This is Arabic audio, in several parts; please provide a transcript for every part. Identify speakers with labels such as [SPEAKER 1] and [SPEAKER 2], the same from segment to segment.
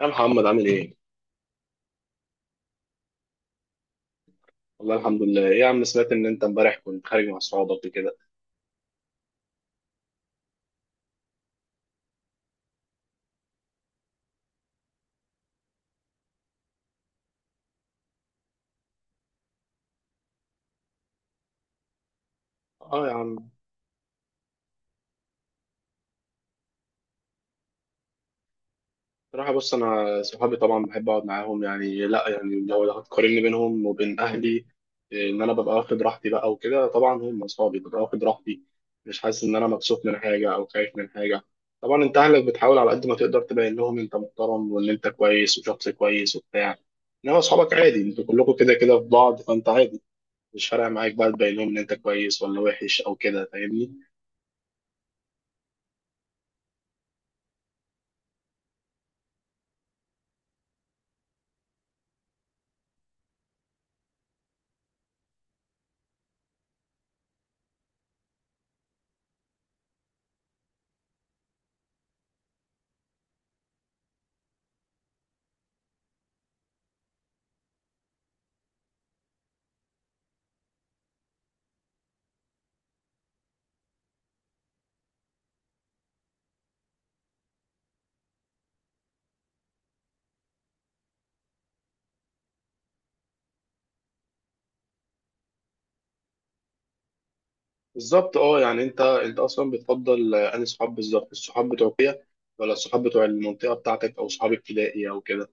[SPEAKER 1] يا محمد عامل ايه؟ والله الحمد لله، ايه يا عم، سمعت ان انت امبارح كنت خارج مع اصحابك وكده. اه يا عم، بصراحة بص، انا صحابي طبعا بحب اقعد معاهم. يعني لا، يعني لو هتقارني بينهم وبين اهلي، إيه، ان انا ببقى واخد راحتي بقى وكده. طبعا هم اصحابي، ببقى واخد راحتي، مش حاسس ان انا مبسوط من حاجة او خايف من حاجة. طبعا انت اهلك بتحاول على قد ما تقدر تبين لهم انت محترم وان انت كويس وشخص كويس وبتاع. انما اصحابك عادي، انتوا كلكم كده كده في بعض، فانت عادي. مش فارقه معاك بقى تبين لهم ان انت كويس ولا وحش او كده، فاهمني؟ بالظبط. اه يعني انت اصلا بتفضل انهي صحاب؟ بالظبط، الصحاب بتوع كده، ولا الصحاب بتوع المنطقه بتاعتك، او صحاب ابتدائي او كده؟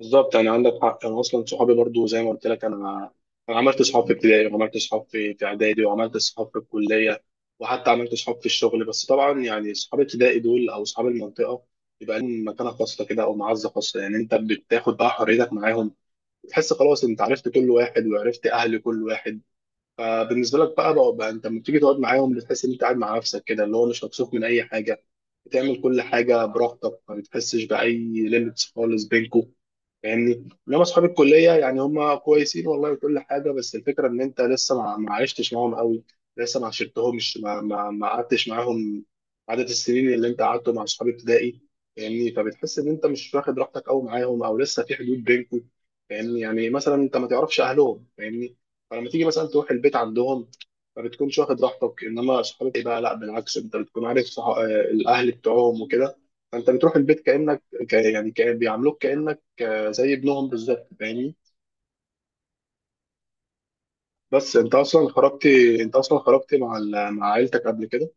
[SPEAKER 1] بالظبط، يعني عندك حق، انا اصلا صحابي برضو زي ما قلت لك. انا انا عملت صحاب في ابتدائي، وعملت صحاب في اعدادي، وعملت صحاب في الكليه، وحتى عملت صحاب في الشغل. بس طبعا يعني صحاب ابتدائي دول او صحاب المنطقه يبقى لهم مكانه خاصه كده او معزه خاصه. يعني انت بتاخد بقى حريتك معاهم، تحس خلاص انت عرفت كل واحد وعرفت اهل كل واحد. فبالنسبه لك بقى انت لما بتيجي تقعد معاهم بتحس ان انت قاعد مع نفسك كده، اللي هو مش مكسوف من اي حاجه، بتعمل كل حاجه براحتك، ما بتحسش باي ليميتس خالص بينكم، فاهمني؟ انما اصحاب الكليه يعني هم كويسين والله وكل حاجه، بس الفكره ان انت لسه ما عشتش معاهم قوي، لسه ما عشرتهمش، ما قعدتش معاهم عدد السنين اللي انت قعدته مع اصحاب ابتدائي. فاهمني؟ فبتحس ان انت مش واخد راحتك قوي معاهم، او لسه في حدود بينكم. فاهمني؟ يعني مثلا انت ما تعرفش اهلهم، فاهمني؟ فلما تيجي مثلا تروح البيت عندهم ما بتكونش واخد راحتك. انما اصحابك بقى، لا بالعكس، انت بتكون عارف الاهل بتوعهم وكده، فانت بتروح البيت كانك يعني كأن بيعاملوك كانك زي ابنهم بالظبط، فاهمني؟ بس انت اصلا خرجتي مع مع عيلتك قبل كده؟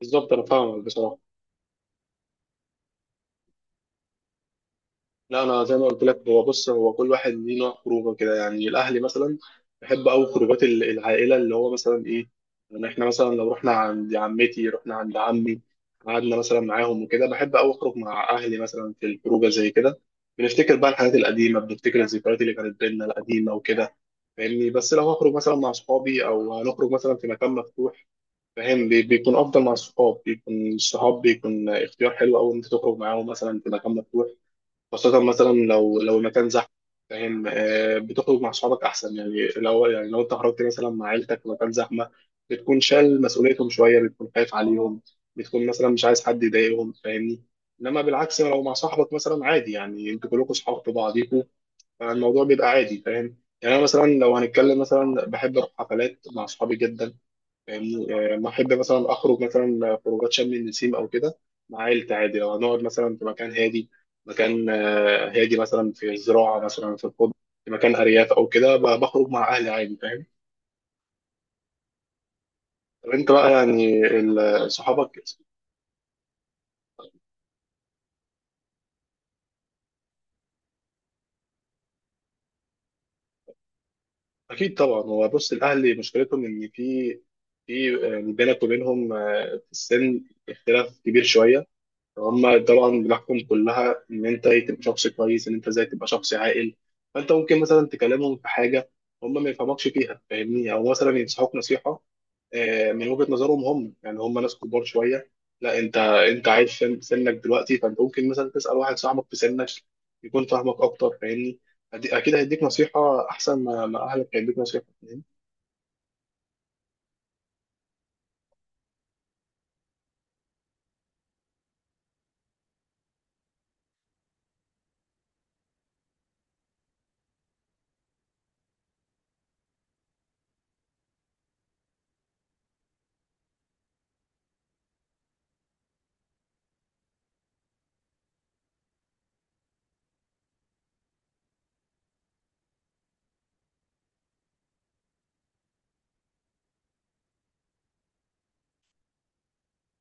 [SPEAKER 1] بالظبط، انا فاهمك بصراحه. لا انا زي ما قلت لك، هو بص، هو كل واحد ليه نوع خروجه كده. يعني الاهلي مثلا، بحب قوي خروجات العائله، اللي هو مثلا ايه، يعني احنا مثلا لو رحنا عند عمتي، رحنا عند عمي، قعدنا مثلا معاهم وكده. بحب قوي اخرج مع اهلي مثلا في الخروجه زي كده، بنفتكر بقى الحاجات القديمه، بنفتكر الذكريات اللي كانت بينا القديمه وكده، فاهمني؟ بس لو هخرج مثلا مع اصحابي، او هنخرج مثلا في مكان مفتوح، فاهم؟ بيكون افضل مع الصحاب، بيكون الصحاب بيكون اختيار حلو قوي ان انت تخرج معاهم مثلا في مكان مفتوح، خاصه مثلا لو المكان زحمه. فاهم؟ بتخرج مع صحابك احسن. يعني لو انت خرجت مثلا مع عيلتك في مكان زحمه، بتكون شايل مسؤوليتهم شويه، بتكون خايف عليهم، بتكون مثلا مش عايز حد يضايقهم، فاهمني؟ انما بالعكس لو مع صاحبك، مثلا عادي، يعني انتوا كلكم صحاب في بعضيكوا، فالموضوع بيبقى عادي، فاهم؟ يعني انا مثلا لو هنتكلم، مثلا بحب اروح حفلات مع صحابي جدا، فاهمني؟ يعني لما احب مثلا اخرج مثلا خروجات شم النسيم او كده مع عيلتي عادي. لو هنقعد مثلا في مكان هادي، مكان هادي، مثلا في الزراعه، مثلا في الخضره، في مكان ارياف او كده، بخرج مع اهلي عادي، فاهم؟ طب انت بقى يعني صحابك؟ اكيد طبعا. هو بص، الاهل مشكلتهم ان في بينك وبينهم، في السن اختلاف كبير شويه. هما طبعا بتحكم كلها ان انت ايه، تبقى شخص كويس، ان انت ازاي تبقى شخص عاقل. فانت ممكن مثلا تكلمهم في حاجه هما ما يفهمكش فيها، فاهمني؟ او مثلا ينصحوك نصيحه من وجهه نظرهم هم، يعني هما ناس كبار شويه. لا، انت عايش في سنك دلوقتي، فانت ممكن مثلا تسال واحد صاحبك في سنك يكون فاهمك اكتر. فاهمني؟ اكيد هيديك نصيحه احسن ما اهلك هيديك نصيحه، فاهمني؟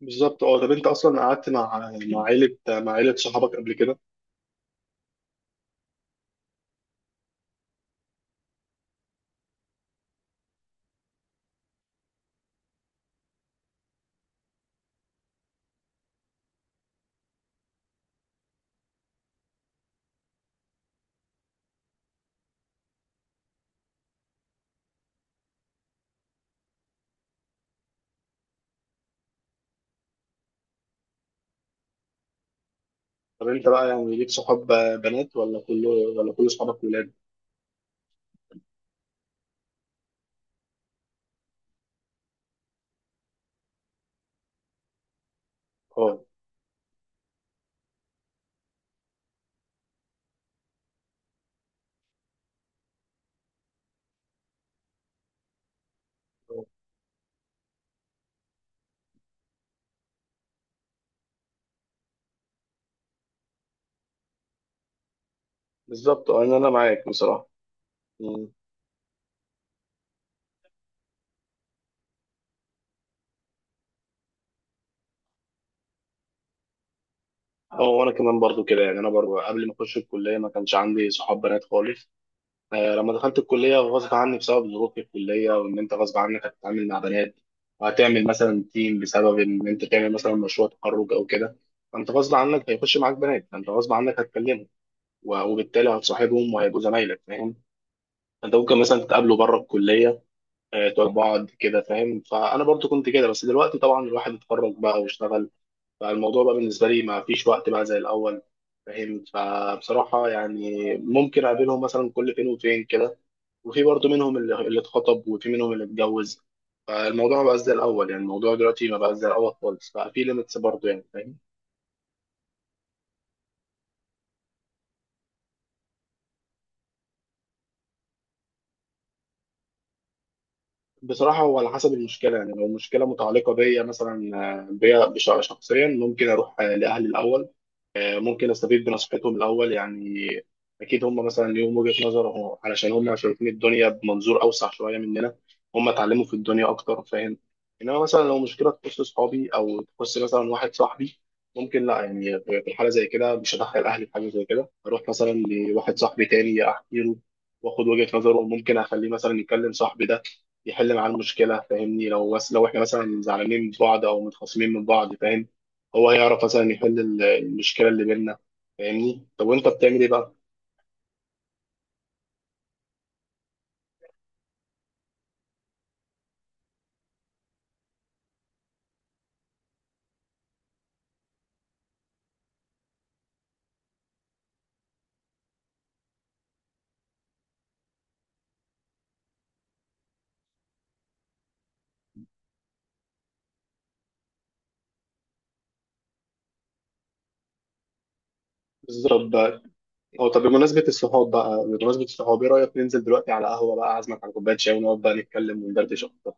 [SPEAKER 1] بالظبط. اه طب انت اصلا قعدت مع عيله صحابك قبل كده؟ طب انت بقى يعني ليك صحاب بنات، ولا كله، ولا كل صحابك ولاد؟ اه. اه. بالظبط. اه، انا معاك بصراحه. مم. اه وانا كمان برضو كده. يعني انا برضو قبل ما اخش الكليه ما كانش عندي صحاب بنات خالص. لما دخلت الكليه غصب عني بسبب ظروف الكليه، وان انت غصب عنك هتتعامل مع بنات، وهتعمل مثلا تيم بسبب ان انت تعمل مثلا مشروع تخرج او كده. فانت غصب عنك هيخش معاك بنات، فانت غصب عنك هتكلمهم، و- وبالتالي هتصاحبهم وهيبقوا زمايلك، فاهم؟ انت ممكن مثلا تتقابلوا بره الكليه، تقعد بعض كده، فاهم؟ فانا برضو كنت كده. بس دلوقتي طبعا الواحد اتخرج بقى واشتغل، فالموضوع بقى بالنسبه لي ما فيش وقت بقى زي الاول. فاهم؟ فبصراحه يعني ممكن اقابلهم مثلا كل فين وفين كده. وفي برضو منهم اللي اتخطب، وفي منهم اللي اتجوز. فالموضوع ما بقاش زي الاول، يعني الموضوع دلوقتي ما بقاش زي الاول خالص، بقى في ليميتس برضو يعني، فاهم؟ بصراحه هو على حسب المشكله. يعني لو المشكله متعلقه بيا مثلا، بيا شخصيا، ممكن اروح لاهلي الاول. ممكن استفيد بنصيحتهم الاول يعني. اكيد هم مثلا ليهم وجهة نظر، علشان هم شايفين الدنيا بمنظور اوسع شويه مننا، هم اتعلموا في الدنيا اكتر، فاهم؟ انما مثلا لو مشكله تخص صحابي، او تخص مثلا واحد صاحبي، ممكن لا، يعني في الحاله زي كده مش هدخل اهلي في حاجه زي كده. اروح مثلا لواحد صاحبي تاني احكي له، واخد وجهة نظره، وممكن اخليه مثلا يكلم صاحبي ده يحل معاه المشكله، فاهمني؟ لو احنا مثلا زعلانين من بعض، او متخاصمين من بعض، فاهم؟ هو هيعرف مثلا يحل المشكله اللي بيننا. فاهمني؟ طب وانت بتعمل ايه بقى؟ بالظبط بقى. هو طب، بمناسبه الصحاب بقى، بمناسبه الصحاب، ايه رايك ننزل دلوقتي على قهوه بقى، اعزمك على كوبايه شاي ونقعد بقى نتكلم وندردش اكتر؟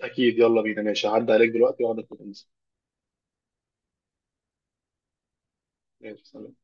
[SPEAKER 1] اكيد يلا بينا. ماشي، هعدي عليك دلوقتي واقعد. ماشي، سلام.